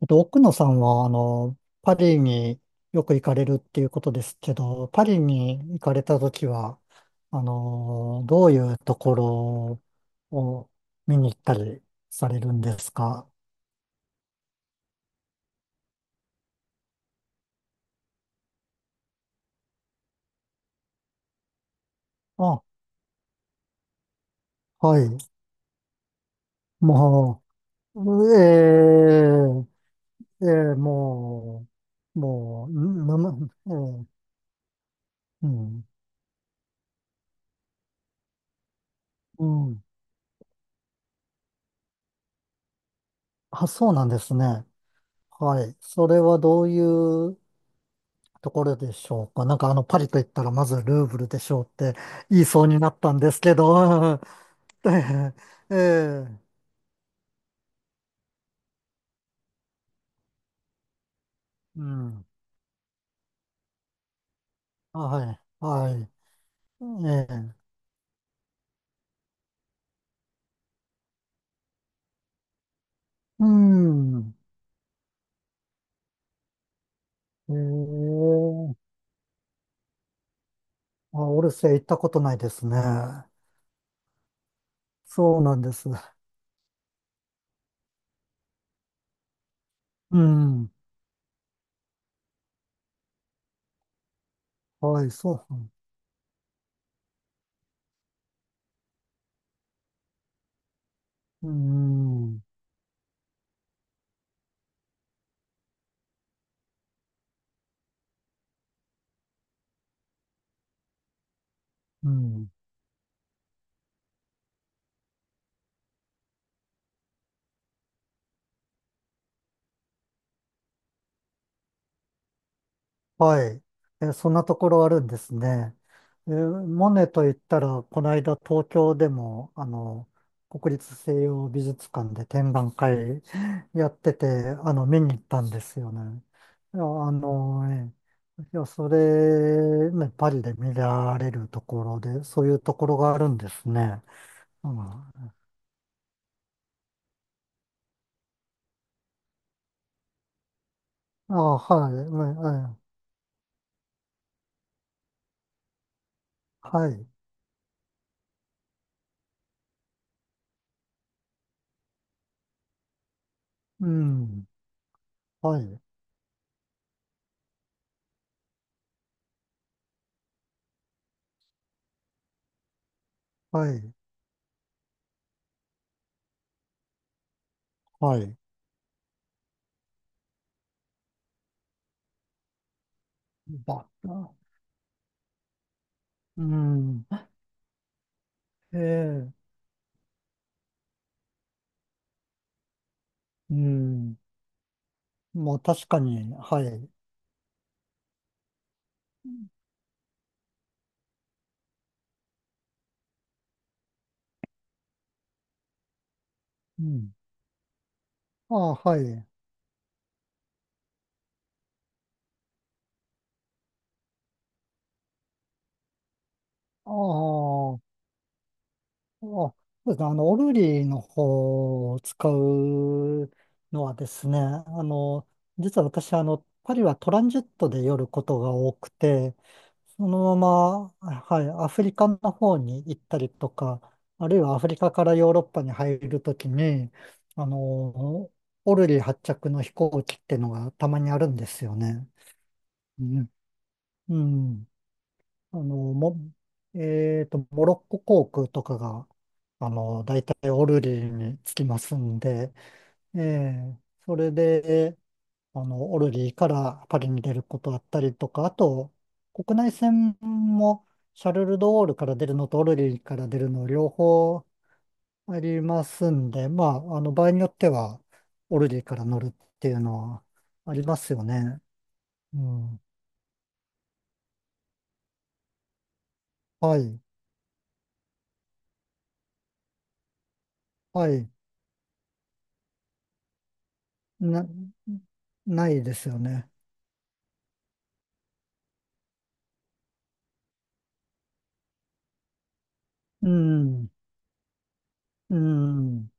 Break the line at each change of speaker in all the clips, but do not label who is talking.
奥野さんは、パリによく行かれるっていうことですけど、パリに行かれたときは、どういうところを見に行ったりされるんですか？あ、はい。もう、ええええもう、もう、んぬむ、ええうん、うん。あ、そうなんですね。はい。それはどういうところでしょうか？なんかパリと言ったらまずルーブルでしょうって言いそうになったんですけど、ええ、ええうん、はい、はい、ええ、うん、ええ、あ、オルセー行ったことないですね。そうなんです。うん、はい、そう、うん、うん。はい。えー、そんなところあるんですね。モネと言ったら、この間東京でも、国立西洋美術館で展覧会やってて、見に行ったんですよね。いや、いや、それ、ね、パリで見られるところで、そういうところがあるんですね。うん、あ、はい、はい、はい、うん、はい、はい、はい。ば、うん。ええうん。まあ確かに、はい。うん。ああ、はい。ああ、ああ、そうですね。オルリーの方を使うのはですね、実は私、パリはトランジットで寄ることが多くて、そのまま、はい、アフリカの方に行ったりとか、あるいはアフリカからヨーロッパに入るときに、あの、オルリー発着の飛行機っていうのがたまにあるんですよね。うん。あの、も、えっと、モロッコ航空とかが、大体オルリーに着きますんで、ええ、それで、オルリーからパリに出ることあったりとか、あと、国内線もシャルル・ド・ゴールから出るのとオルリーから出るの両方ありますんで、まあ、場合によっては、オルリーから乗るっていうのはありますよね。うん。はい。はい。な、ないですよね。うん、うん。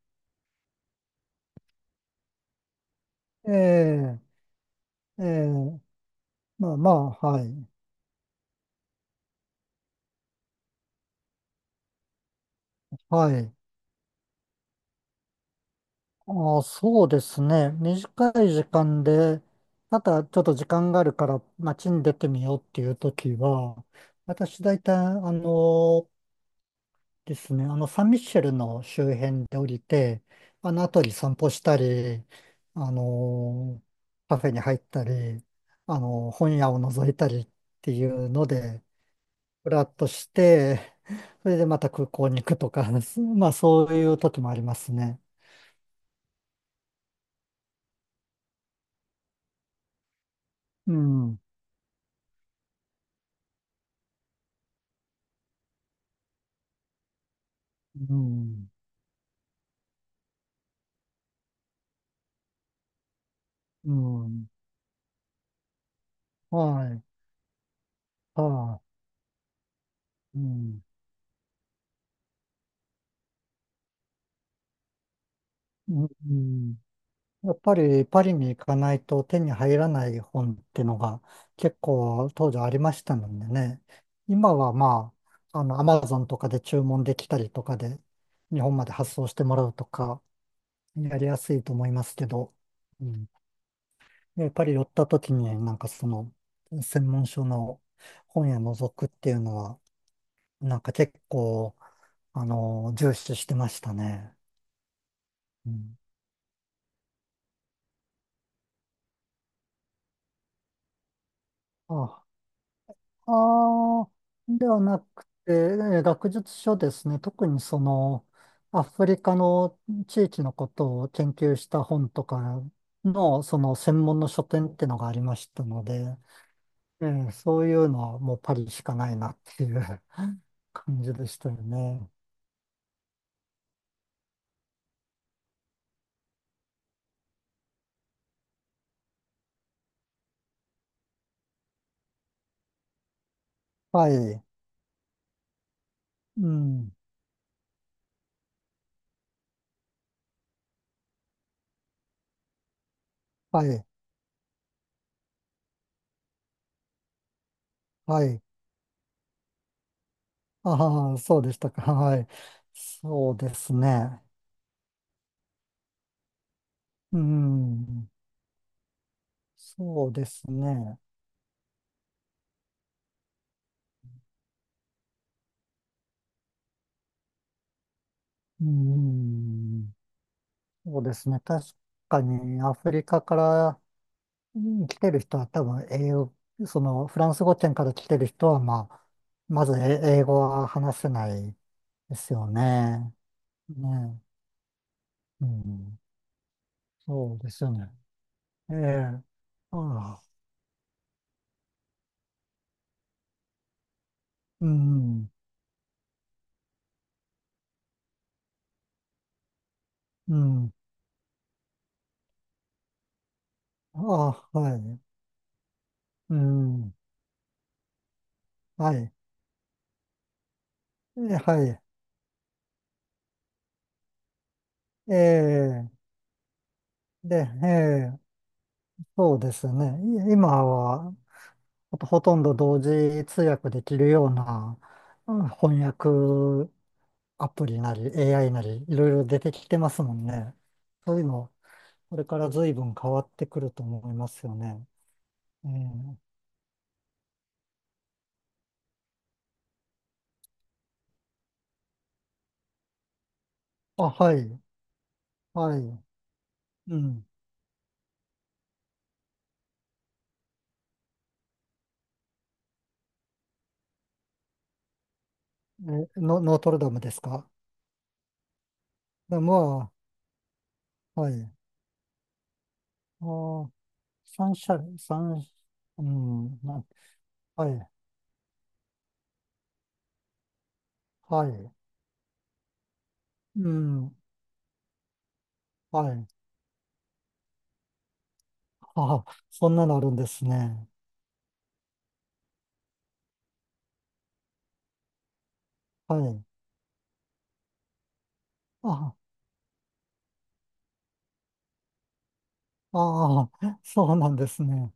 ええ、ええ、まあまあ、はい。はい。ああ、そうですね。短い時間で、ただちょっと時間があるから街に出てみようっていう時は、私大体、あのですね。サンミッシェルの周辺で降りて、あの辺り散歩したり、あのカフェに入ったり、本屋を覗いたりっていうので、ふらっとして、それでまた空港に行くとか、まあそういう時もありますね。うん、うん、うん、はい、はい、うん、うん。やっぱりパリに行かないと手に入らない本っていうのが結構当時ありましたのでね。今はまあ、アマゾンとかで注文できたりとかで日本まで発送してもらうとかやりやすいと思いますけど、うん。で、パリ寄った時になんかその専門書の本屋覗くっていうのはなんか結構、重視してましたね。うん。あああ、ではなくて、学術書ですね。特にその、アフリカの地域のことを研究した本とかの、その専門の書店ってのがありましたので、そういうのはもうパリしかないなっていう 感じでしたよね。はい。うん。はい。はい。ああ、そうでしたか。はい。そうですね。うん。そうですね。うん。そうですね。確かにアフリカからうん来てる人は多分英語、そのフランス語圏から来てる人は、まあ、まず英語は話せないですよね。ね。うん。そうですよね。ええ。ああ。うん。うん。ああ、はい。うん。はい。はい。ええ。で、ええ。そうですね。今は、ほとんど同時通訳できるようなうん翻訳アプリなり AI なりいろいろ出てきてますもんね。そういうの、これから随分変わってくると思いますよね。ええ、あ、はい、はい、うん。え、ノートルダムですか？で、まあ、はい。あー、三者、三、うん、はい、はい、うん、はい。あ、そんなのあるんですね。はい。あああ、そうなんですね。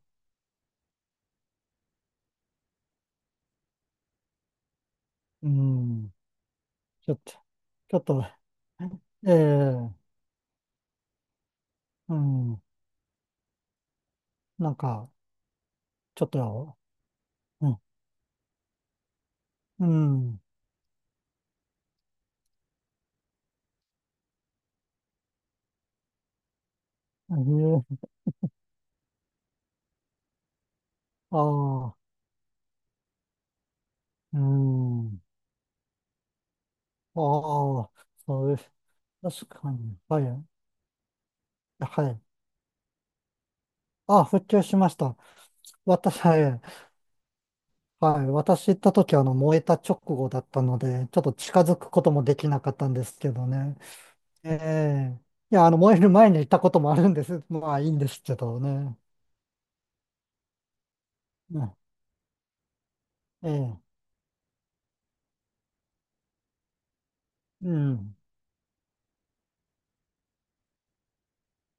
うん。ちょっと、ちょっと、ええ、うん。なんか、ちょっと、うん、うん。ああ、うん。ああ、そうです。確かに。はい。はい。ああ、復旧しました。私、はい。はい、私行った時、燃えた直後だったので、ちょっと近づくこともできなかったんですけどね。ええ、いや、燃える前に行ったこともあるんです。まあ、いいんですけどね。うん、ええ、うん。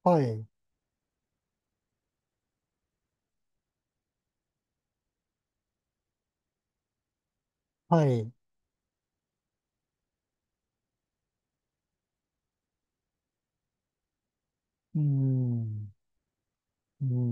はい。はい。うん。うん。